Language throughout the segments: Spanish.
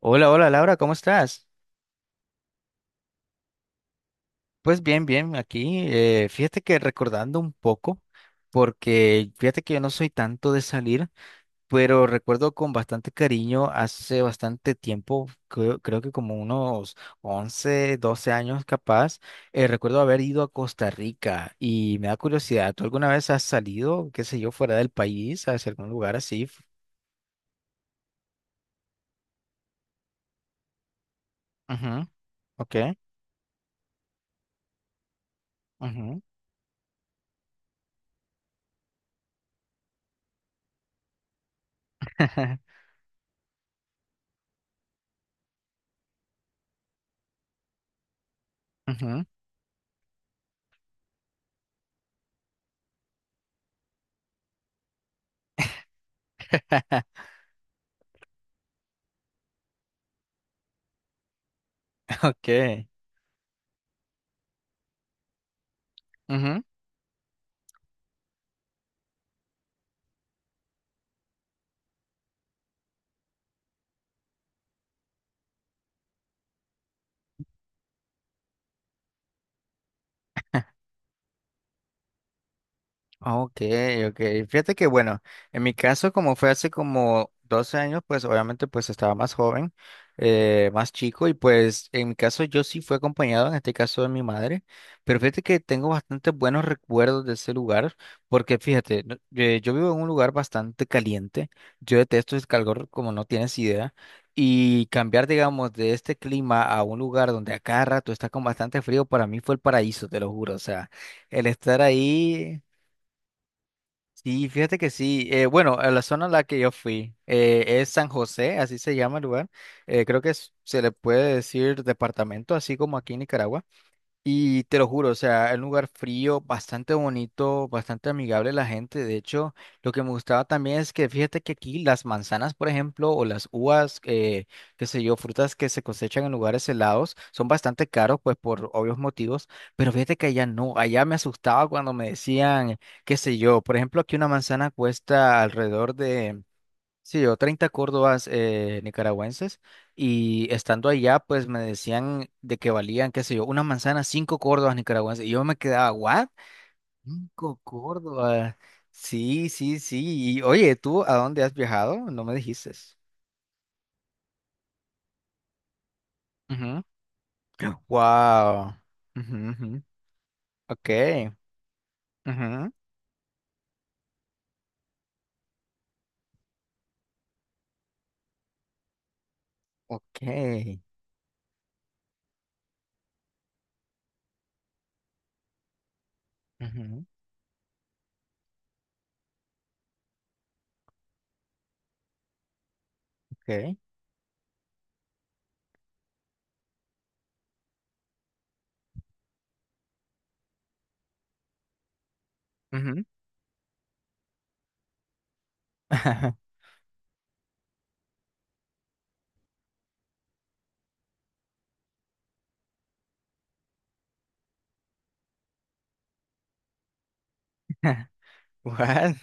Hola, hola Laura, ¿cómo estás? Pues bien, bien, aquí. Fíjate que recordando un poco, porque fíjate que yo no soy tanto de salir, pero recuerdo con bastante cariño hace bastante tiempo, creo que como unos 11, 12 años capaz, recuerdo haber ido a Costa Rica y me da curiosidad, ¿tú alguna vez has salido, qué sé yo, fuera del país, hacia algún lugar así? Ujú, ok, ujú, ujú, ok, ujú. Ah, Ok, ok. Fíjate que bueno, en mi caso, como fue hace como 12 años, pues obviamente pues estaba más joven, más chico, y pues en mi caso yo sí fui acompañado, en este caso de mi madre, pero fíjate que tengo bastante buenos recuerdos de ese lugar, porque fíjate, yo vivo en un lugar bastante caliente, yo detesto el calor como no tienes idea, y cambiar, digamos, de este clima a un lugar donde a cada rato está con bastante frío, para mí fue el paraíso, te lo juro, o sea. El estar ahí. Sí, fíjate que sí. Bueno, a la zona a la que yo fui es San José, así se llama el lugar. Creo que se le puede decir departamento, así como aquí en Nicaragua. Y te lo juro, o sea, es un lugar frío, bastante bonito, bastante amigable la gente. De hecho, lo que me gustaba también es que fíjate que aquí las manzanas, por ejemplo, o las uvas, qué sé yo, frutas que se cosechan en lugares helados, son bastante caros, pues por obvios motivos. Pero fíjate que allá no, allá me asustaba cuando me decían, qué sé yo, por ejemplo, aquí una manzana cuesta alrededor de. Sí, yo 30 córdobas nicaragüenses, y estando allá, pues me decían de que valían, qué sé yo, una manzana, 5 córdobas nicaragüenses. Y yo me quedaba, ¿what? 5 córdobas. Sí, sí, sí. Y oye, ¿tú a dónde has viajado? No me dijiste. Ujú. Wow. Ujú, ujú. Ok. Ujú. Ok. Ujú, Ok. Ujú. What?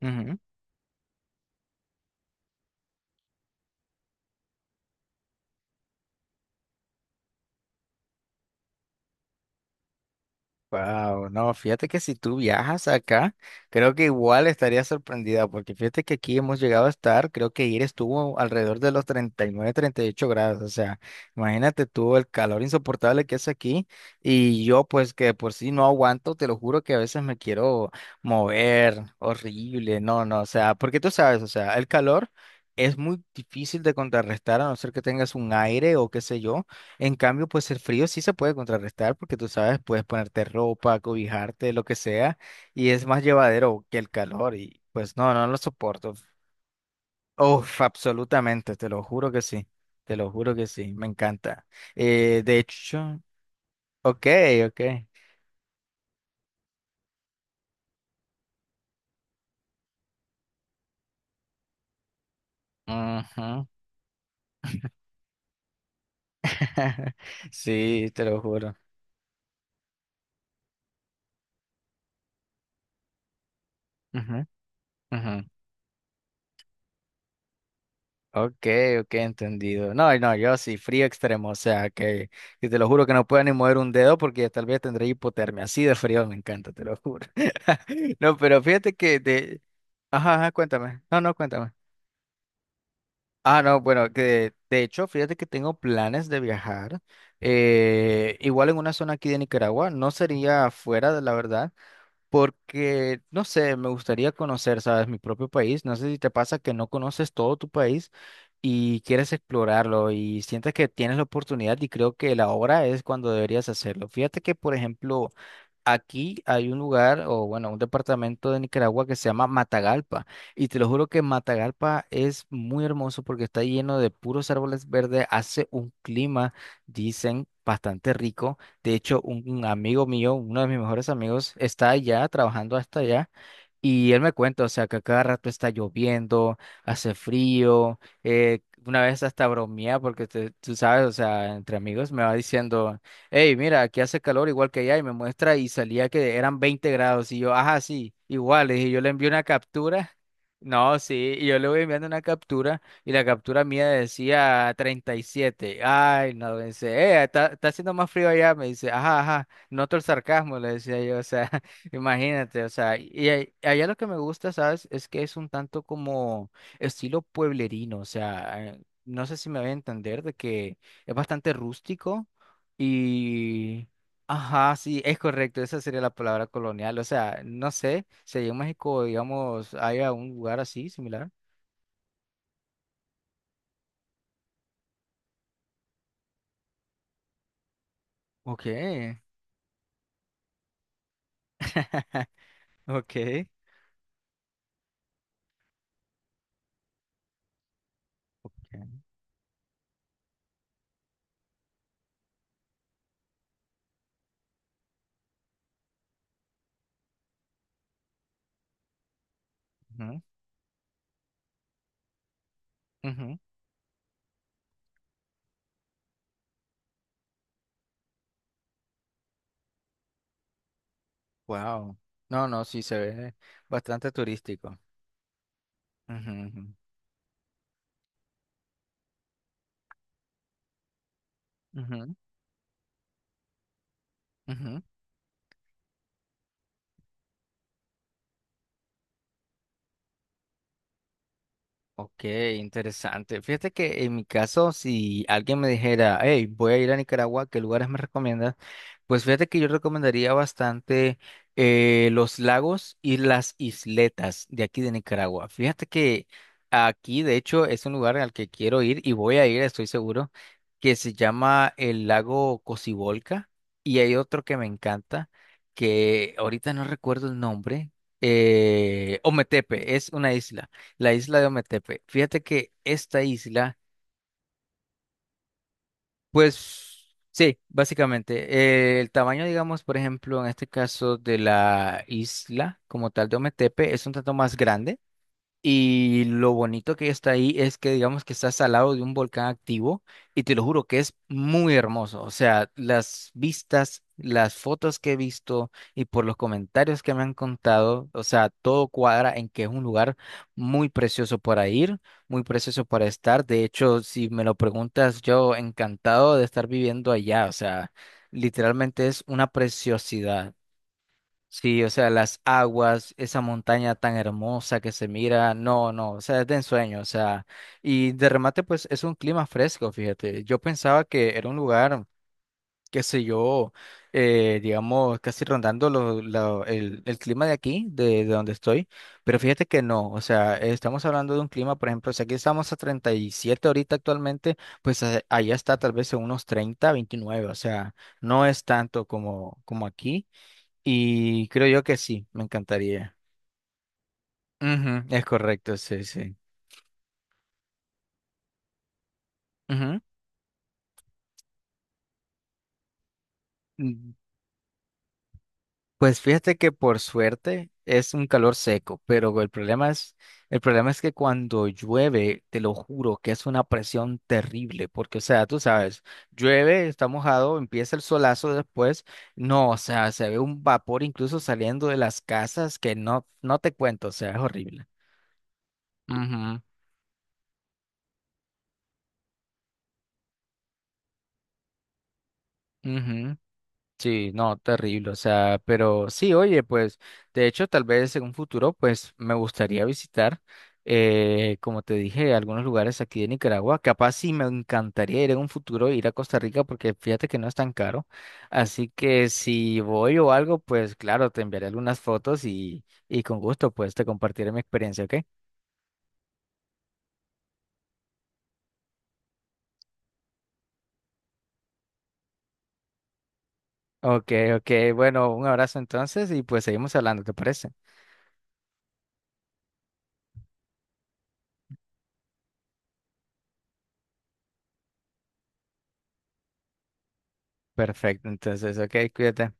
Wow, no, fíjate que si tú viajas acá, creo que igual estaría sorprendida, porque fíjate que aquí hemos llegado a estar, creo que ayer estuvo alrededor de los 39, 38 grados, o sea, imagínate tú el calor insoportable que es aquí, y yo pues que de por sí no aguanto, te lo juro que a veces me quiero mover, horrible, no, no, o sea, porque tú sabes, o sea, el calor... es muy difícil de contrarrestar a no ser que tengas un aire o qué sé yo, en cambio, pues el frío sí se puede contrarrestar porque tú sabes, puedes ponerte ropa, cobijarte, lo que sea, y es más llevadero que el calor y pues no, no lo soporto. Uf, absolutamente, te lo juro que sí, te lo juro que sí, me encanta. De hecho, ok, ok. Ujú, sí, te lo juro. Ujú, ujú. Ok, ok, entendido. No, no, yo sí, frío extremo, o sea, que y te lo juro que no puedo ni mover un dedo porque tal vez tendré hipotermia. Así de frío me encanta, te lo juro. No, pero fíjate que de... Ajá, ajá, cuéntame. No, no, cuéntame. Ah, no, bueno, que de hecho, fíjate que tengo planes de viajar, igual en una zona aquí de Nicaragua, no sería afuera, la verdad, porque, no sé, me gustaría conocer, ¿sabes? Mi propio país. No sé si te pasa que no conoces todo tu país y quieres explorarlo y sientes que tienes la oportunidad y creo que la hora es cuando deberías hacerlo. Fíjate que, por ejemplo, aquí hay un lugar, o bueno, un departamento de Nicaragua que se llama Matagalpa. Y te lo juro que Matagalpa es muy hermoso porque está lleno de puros árboles verdes, hace un clima, dicen, bastante rico. De hecho, un amigo mío, uno de mis mejores amigos, está allá, trabajando hasta allá. Y él me cuenta, o sea, que a cada rato está lloviendo, hace frío. Una vez hasta bromea porque tú sabes, o sea, entre amigos me va diciendo hey, mira, aquí hace calor igual que allá y me muestra y salía que eran 20 grados y yo, ajá, sí, igual, y yo le envié una captura, no, sí, y yo le voy enviando una captura y la captura mía decía 37, ay, no, me dice, está haciendo más frío allá, me dice, ajá, ajá, noto el sarcasmo, le decía yo, o sea, imagínate, o sea, y allá lo que me gusta, ¿sabes? Es que es un tanto como estilo pueblerino, o sea, no sé si me voy a entender de que... es bastante rústico, y, ajá, sí, es correcto, esa sería la palabra colonial. O sea, no sé, si allá en México, digamos, hay algún lugar así similar. Ok, ok. Ujú, ujú. Wow. No, no, sí se ve bastante turístico. Ujú, ujú, ujú, ujú. Ok, interesante. Fíjate que en mi caso, si alguien me dijera, hey, voy a ir a Nicaragua, ¿qué lugares me recomiendas? Pues fíjate que yo recomendaría bastante los lagos y las isletas de aquí de Nicaragua. Fíjate que aquí, de hecho, es un lugar al que quiero ir y voy a ir, estoy seguro, que se llama el lago Cocibolca y hay otro que me encanta, que ahorita no recuerdo el nombre, Ometepe, es una isla. La isla de Ometepe. Fíjate que esta isla, pues sí, básicamente, el tamaño, digamos, por ejemplo, en este caso de la isla como tal de Ometepe es un tanto más grande. Y lo bonito que está ahí es que digamos que estás al lado de un volcán activo y te lo juro que es muy hermoso. O sea, las vistas, las fotos que he visto y por los comentarios que me han contado, o sea, todo cuadra en que es un lugar muy precioso para ir, muy precioso para estar. De hecho, si me lo preguntas, yo encantado de estar viviendo allá. O sea, literalmente es una preciosidad. Sí, o sea, las aguas, esa montaña tan hermosa que se mira, no, no, o sea, es de ensueño, o sea, y de remate, pues es un clima fresco, fíjate. Yo pensaba que era un lugar, qué sé yo, digamos, casi rondando el clima de aquí, de donde estoy, pero fíjate que no, o sea, estamos hablando de un clima, por ejemplo, si aquí estamos a 37 ahorita actualmente, pues allá está tal vez en unos 30, 29, o sea, no es tanto como, como aquí. Y creo yo que sí, me encantaría. Ujú, es correcto, sí, sí. Ujú. Mm, pues fíjate que por suerte es un calor seco, pero el problema es que cuando llueve, te lo juro que es una presión terrible, porque o sea, tú sabes, llueve, está mojado, empieza el solazo después, no, o sea, se ve un vapor incluso saliendo de las casas que no, no te cuento, o sea, es horrible. Ujú, ujú. Sí, no, terrible, o sea, pero sí, oye, pues, de hecho, tal vez en un futuro, pues, me gustaría visitar, como te dije, algunos lugares aquí de Nicaragua, capaz sí me encantaría ir en un futuro, ir a Costa Rica, porque fíjate que no es tan caro, así que si voy o algo, pues, claro, te enviaré algunas fotos y con gusto, pues, te compartiré mi experiencia, ¿ok? Ok, ok, bueno, un abrazo entonces y pues seguimos hablando, ¿te parece? Perfecto, entonces, ok, cuídate.